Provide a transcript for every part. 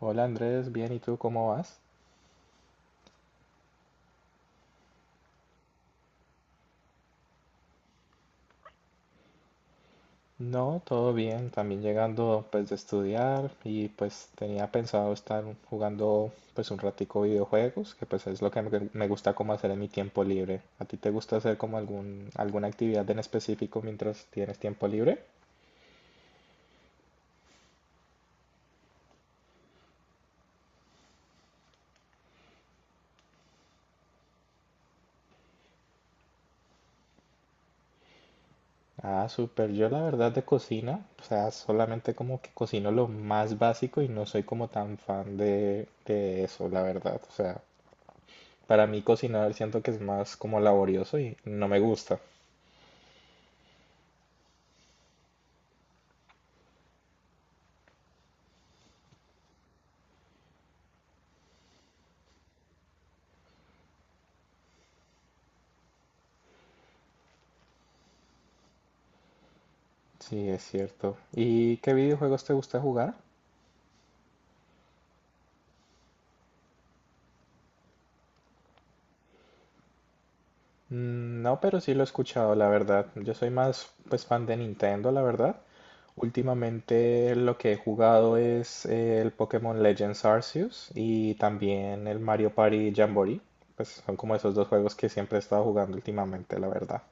Hola Andrés, bien, ¿y tú cómo vas? No, todo bien, también llegando pues de estudiar y pues tenía pensado estar jugando pues un ratico videojuegos, que pues es lo que me gusta como hacer en mi tiempo libre. ¿A ti te gusta hacer como alguna actividad en específico mientras tienes tiempo libre? Ah, súper. Yo la verdad de cocina, o sea, solamente como que cocino lo más básico y no soy como tan fan de eso, la verdad. O sea, para mí cocinar siento que es más como laborioso y no me gusta. Sí, es cierto. ¿Y qué videojuegos te gusta jugar? Mm, no, pero sí lo he escuchado, la verdad. Yo soy más pues fan de Nintendo, la verdad. Últimamente lo que he jugado es el Pokémon Legends Arceus y también el Mario Party Jamboree. Pues son como esos dos juegos que siempre he estado jugando últimamente, la verdad.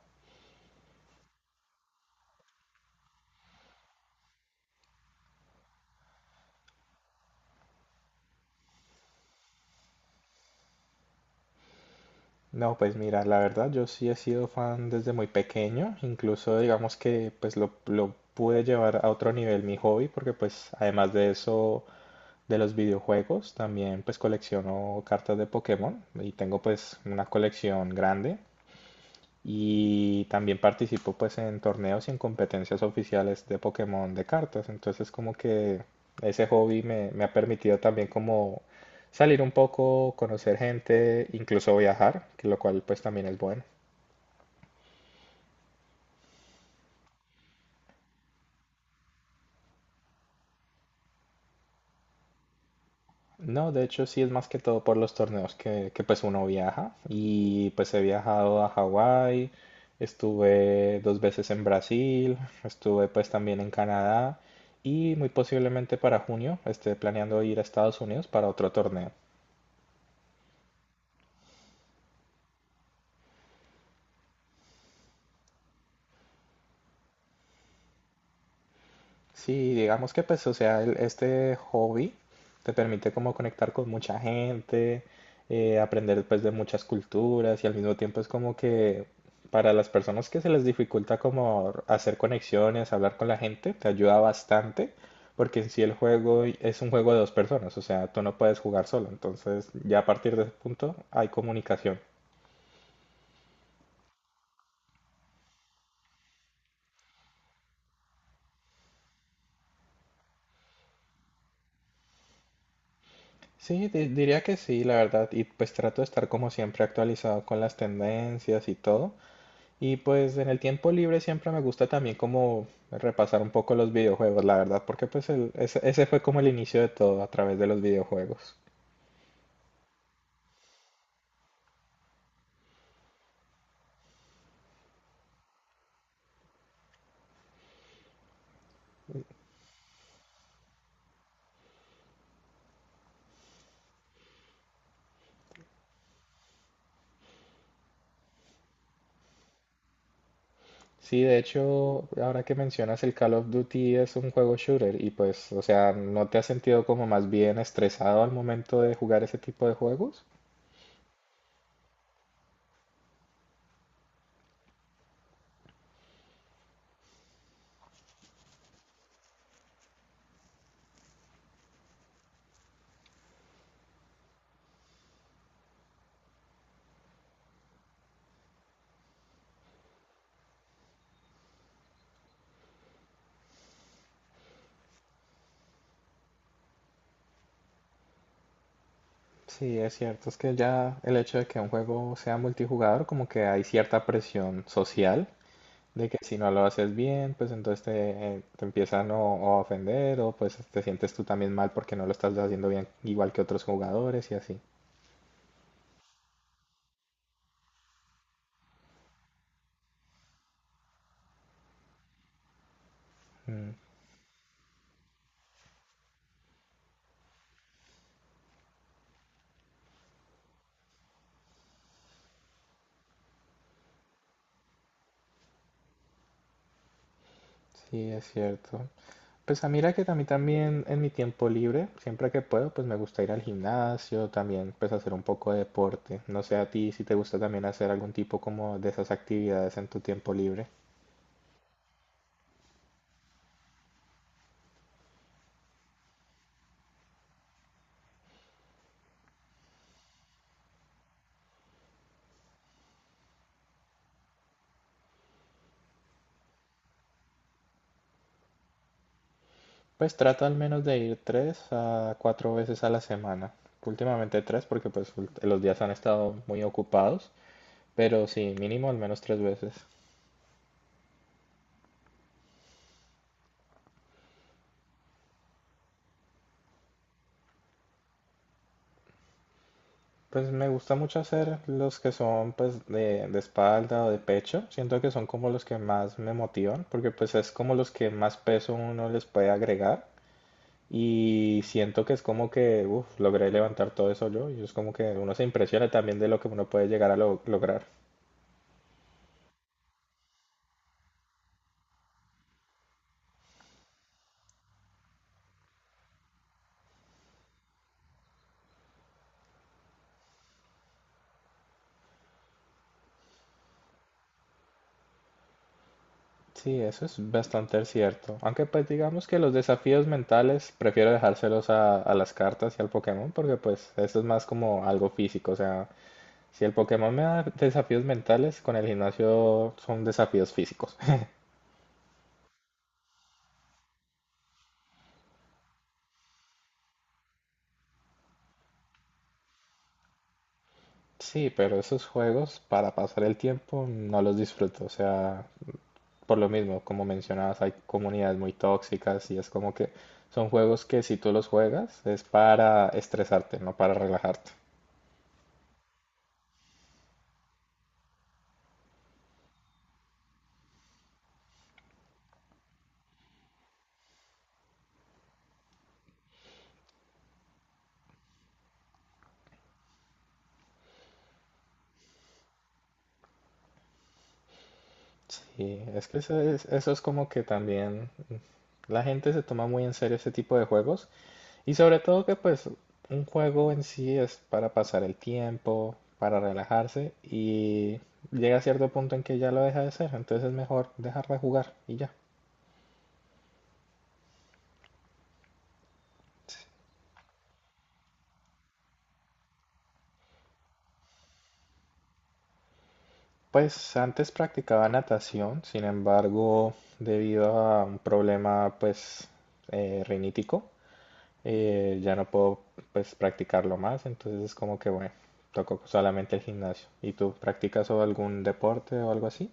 No, pues mira, la verdad yo sí he sido fan desde muy pequeño, incluso digamos que pues lo pude llevar a otro nivel mi hobby, porque pues además de eso, de los videojuegos también pues colecciono cartas de Pokémon y tengo pues una colección grande, y también participo pues en torneos y en competencias oficiales de Pokémon de cartas. Entonces como que ese hobby me ha permitido también como salir un poco, conocer gente, incluso viajar, que lo cual pues también es bueno. No, de hecho sí es más que todo por los torneos pues uno viaja y pues he viajado a Hawái, estuve dos veces en Brasil, estuve pues también en Canadá y muy posiblemente para junio esté planeando ir a Estados Unidos para otro torneo. Sí, digamos que pues, o sea, este hobby te permite como conectar con mucha gente, aprender pues de muchas culturas y al mismo tiempo es como que para las personas que se les dificulta como hacer conexiones, hablar con la gente, te ayuda bastante porque en sí el juego es un juego de dos personas, o sea, tú no puedes jugar solo, entonces ya a partir de ese punto hay comunicación. Sí, diría que sí, la verdad, y pues trato de estar como siempre actualizado con las tendencias y todo. Y pues en el tiempo libre siempre me gusta también como repasar un poco los videojuegos, la verdad, porque pues ese fue como el inicio de todo a través de los videojuegos. Sí, de hecho, ahora que mencionas el Call of Duty es un juego shooter y pues, o sea, ¿no te has sentido como más bien estresado al momento de jugar ese tipo de juegos? Sí, es cierto, es que ya el hecho de que un juego sea multijugador, como que hay cierta presión social, de que si no lo haces bien, pues entonces te empiezan o a ofender o pues te sientes tú también mal porque no lo estás haciendo bien igual que otros jugadores y así. Mm, sí, es cierto. Pues a mira que a mí también en mi tiempo libre, siempre que puedo, pues me gusta ir al gimnasio, también pues hacer un poco de deporte. No sé a ti si te gusta también hacer algún tipo como de esas actividades en tu tiempo libre. Pues trato al menos de ir tres a cuatro veces a la semana. Últimamente tres porque pues los días han estado muy ocupados. Pero sí, mínimo al menos tres veces. Pues me gusta mucho hacer los que son pues de espalda o de pecho. Siento que son como los que más me motivan porque pues es como los que más peso uno les puede agregar. Y siento que es como que, uff, logré levantar todo eso yo. Y es como que uno se impresiona también de lo que uno puede llegar a lograr. Sí, eso es bastante cierto. Aunque pues digamos que los desafíos mentales prefiero dejárselos a las cartas y al Pokémon porque pues esto es más como algo físico. O sea, si el Pokémon me da desafíos mentales, con el gimnasio son desafíos físicos. Sí, pero esos juegos para pasar el tiempo no los disfruto. O sea, por lo mismo, como mencionabas, hay comunidades muy tóxicas y es como que son juegos que si tú los juegas es para estresarte, no para relajarte. Sí, es que eso es como que también la gente se toma muy en serio ese tipo de juegos. Y sobre todo que pues un juego en sí es para pasar el tiempo, para relajarse y llega a cierto punto en que ya lo deja de ser, entonces es mejor dejar de jugar y ya. Pues antes practicaba natación, sin embargo, debido a un problema pues rinítico, ya no puedo pues practicarlo más, entonces es como que bueno, toco solamente el gimnasio. ¿Y tú practicas o algún deporte o algo así?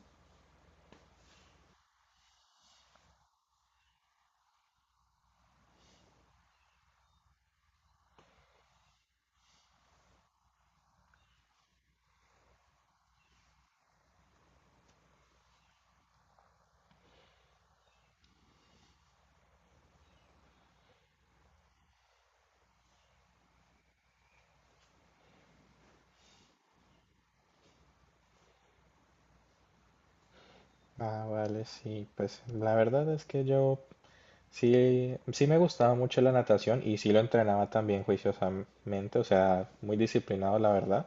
Ah, vale, sí, pues la verdad es que yo sí, sí me gustaba mucho la natación y sí lo entrenaba también juiciosamente, o sea, muy disciplinado la verdad,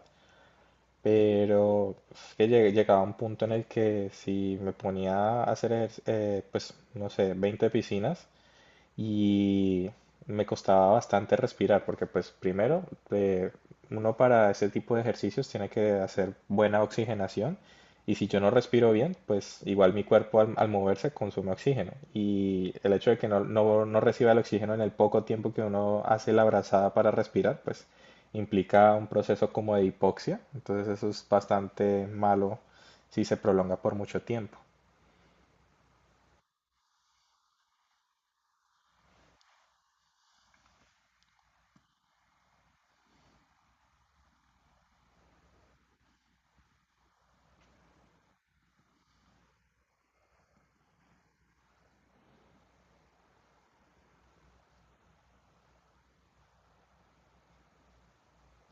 pero es que llegaba a un punto en el que si me ponía a hacer, pues, no sé, 20 piscinas, y me costaba bastante respirar porque pues primero, eh, uno para ese tipo de ejercicios tiene que hacer buena oxigenación, y si yo no respiro bien pues igual mi cuerpo al moverse consume oxígeno y el hecho de que no reciba el oxígeno en el poco tiempo que uno hace la brazada para respirar pues implica un proceso como de hipoxia, entonces eso es bastante malo si se prolonga por mucho tiempo.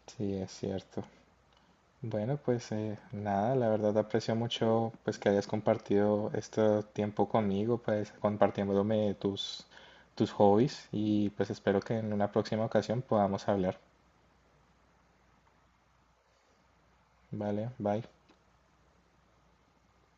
Sí, es cierto. Bueno, pues nada, la verdad aprecio mucho pues que hayas compartido este tiempo conmigo, pues compartiéndome tus hobbies y pues espero que en una próxima ocasión podamos hablar. Vale, bye.